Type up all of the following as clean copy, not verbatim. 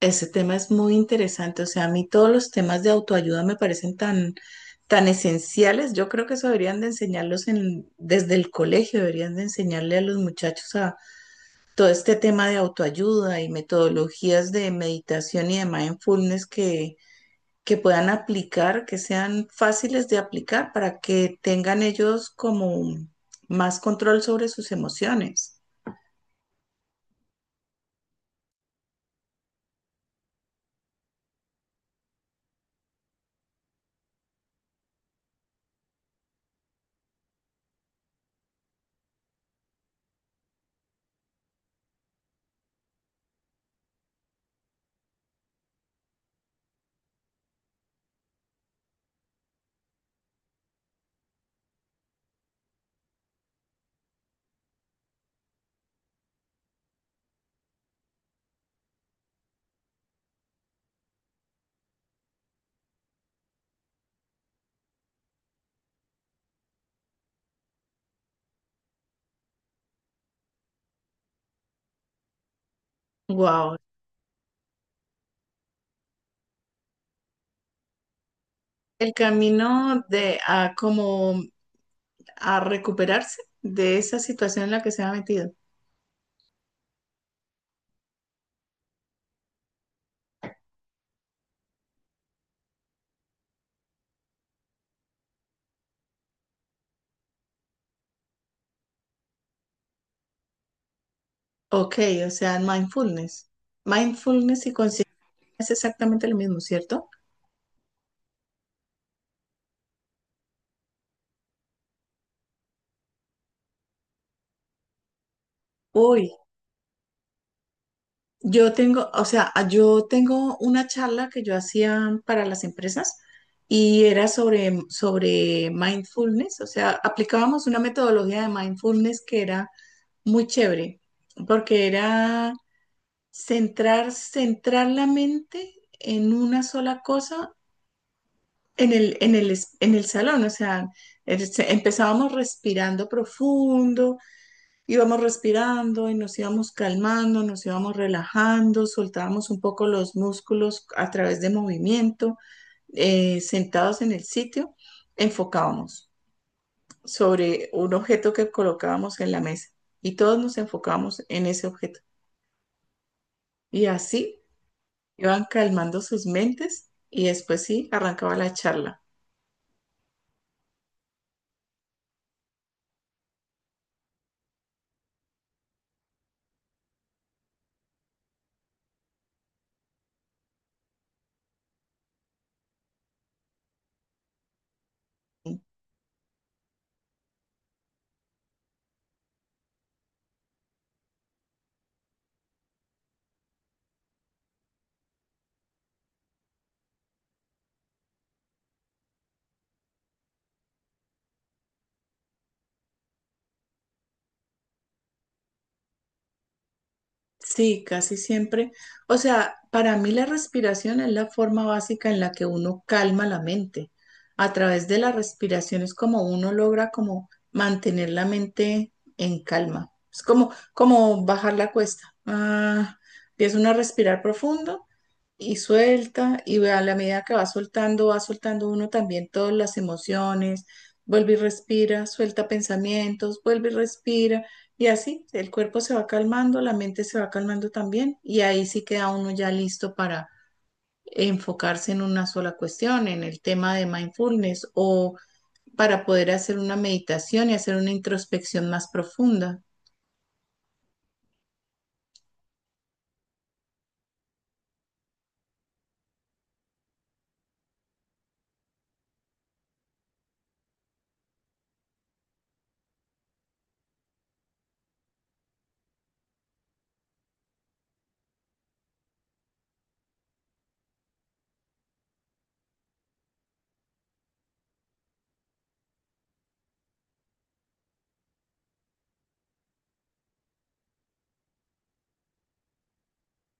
Ese tema es muy interesante, o sea, a mí todos los temas de autoayuda me parecen tan esenciales. Yo creo que eso deberían de enseñarlos en, desde el colegio, deberían de enseñarle a los muchachos a todo este tema de autoayuda y metodologías de meditación y de mindfulness que puedan aplicar, que sean fáciles de aplicar para que tengan ellos como más control sobre sus emociones. Wow. El camino de a como a recuperarse de esa situación en la que se ha metido. Ok, o sea, mindfulness. Mindfulness y conciencia es exactamente lo mismo, ¿cierto? Uy, yo tengo, o sea, yo tengo una charla que yo hacía para las empresas y era sobre mindfulness, o sea, aplicábamos una metodología de mindfulness que era muy chévere, porque era. Centrar, centrar la mente en una sola cosa en en el salón. O sea, empezábamos respirando profundo, íbamos respirando y nos íbamos calmando, nos íbamos relajando, soltábamos un poco los músculos a través de movimiento, sentados en el sitio, enfocábamos sobre un objeto que colocábamos en la mesa y todos nos enfocábamos en ese objeto. Y así. Iban calmando sus mentes y después sí, arrancaba la charla. Sí, casi siempre. O sea, para mí la respiración es la forma básica en la que uno calma la mente. A través de la respiración es como uno logra como mantener la mente en calma. Es como, como bajar la cuesta. Ah, empieza uno a respirar profundo y suelta, y a la medida que va soltando uno también todas las emociones, vuelve y respira, suelta pensamientos, vuelve y respira, y así el cuerpo se va calmando, la mente se va calmando también, y ahí sí queda uno ya listo para enfocarse en una sola cuestión, en el tema de mindfulness o para poder hacer una meditación y hacer una introspección más profunda.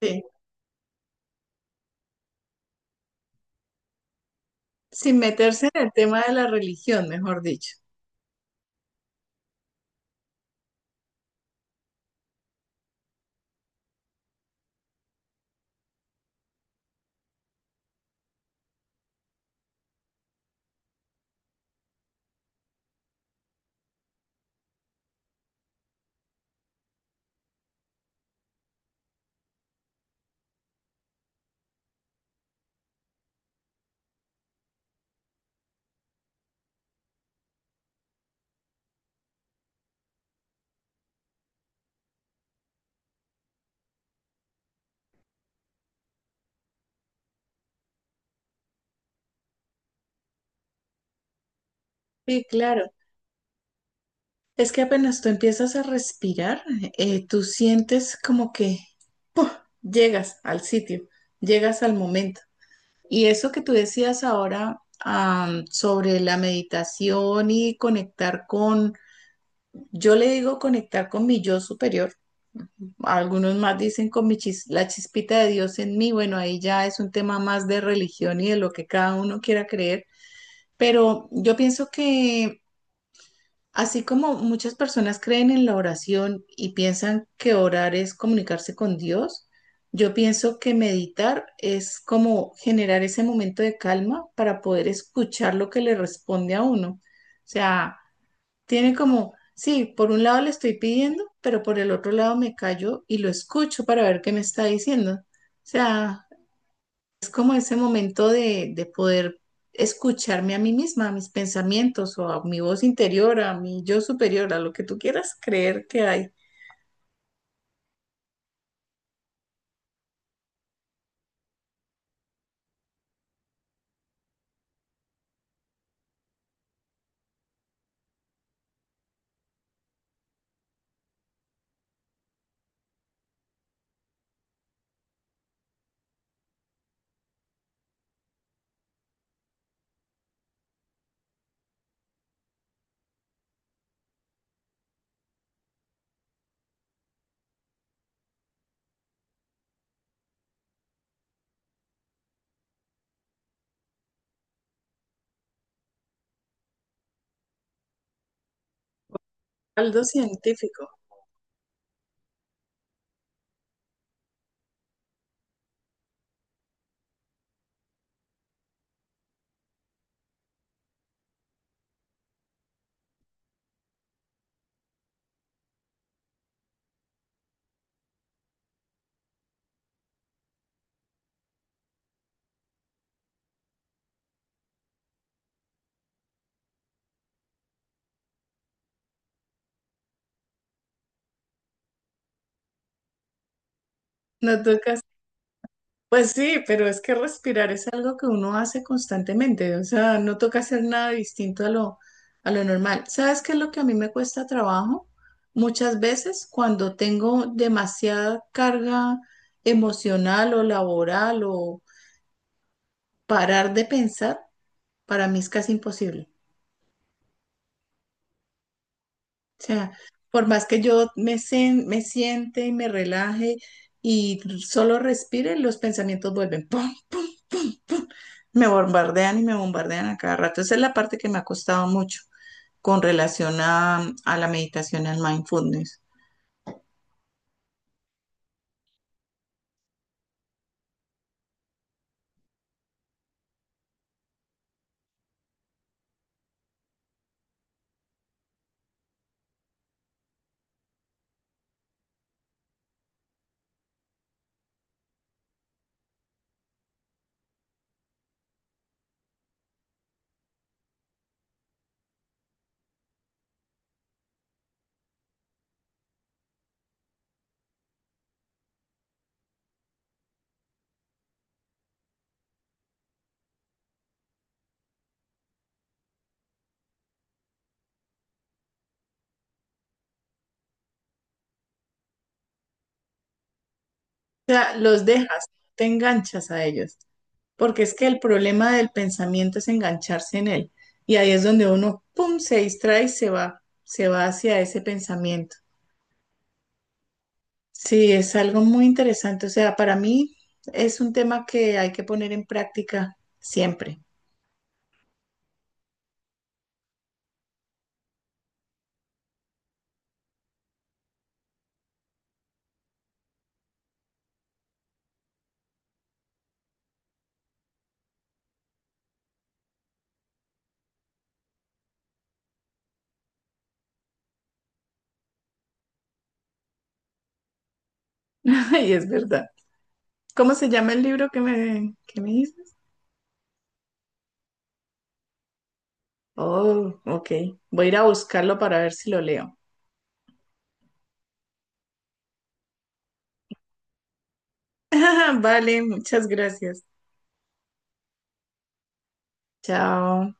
Sí, sin meterse en el tema de la religión, mejor dicho. Sí, claro. Es que apenas tú empiezas a respirar, tú sientes como que llegas al sitio, llegas al momento. Y eso que tú decías ahora, sobre la meditación y conectar con, yo le digo conectar con mi yo superior, algunos más dicen con la chispita de Dios en mí, bueno, ahí ya es un tema más de religión y de lo que cada uno quiera creer, pero yo pienso que. Así como muchas personas creen en la oración y piensan que orar es comunicarse con Dios, yo pienso que meditar es como generar ese momento de calma para poder escuchar lo que le responde a uno. O sea, tiene como, sí, por un lado le estoy pidiendo, pero por el otro lado me callo y lo escucho para ver qué me está diciendo. O sea, es como ese momento de poder escucharme a mí misma, a mis pensamientos o a mi voz interior, a mi yo superior, a lo que tú quieras creer que hay. Algo científico. No tocas. Pues sí, pero es que respirar es algo que uno hace constantemente, o sea, no toca hacer nada distinto a a lo normal. ¿Sabes qué es lo que a mí me cuesta trabajo? Muchas veces cuando tengo demasiada carga emocional o laboral o parar de pensar, para mí es casi imposible. O sea, por más que yo me siente y me relaje y solo respire, los pensamientos vuelven. ¡Pum! Me bombardean y me bombardean a cada rato. Esa es la parte que me ha costado mucho con relación a la meditación, al mindfulness. O sea, los dejas, te enganchas a ellos, porque es que el problema del pensamiento es engancharse en él. Y ahí es donde uno, pum, se distrae y se va hacia ese pensamiento. Sí, es algo muy interesante. O sea, para mí es un tema que hay que poner en práctica siempre. Y es verdad. ¿Cómo se llama el libro que que me dices? Oh, ok. Voy a ir a buscarlo para ver si lo leo. Vale, muchas gracias. Chao.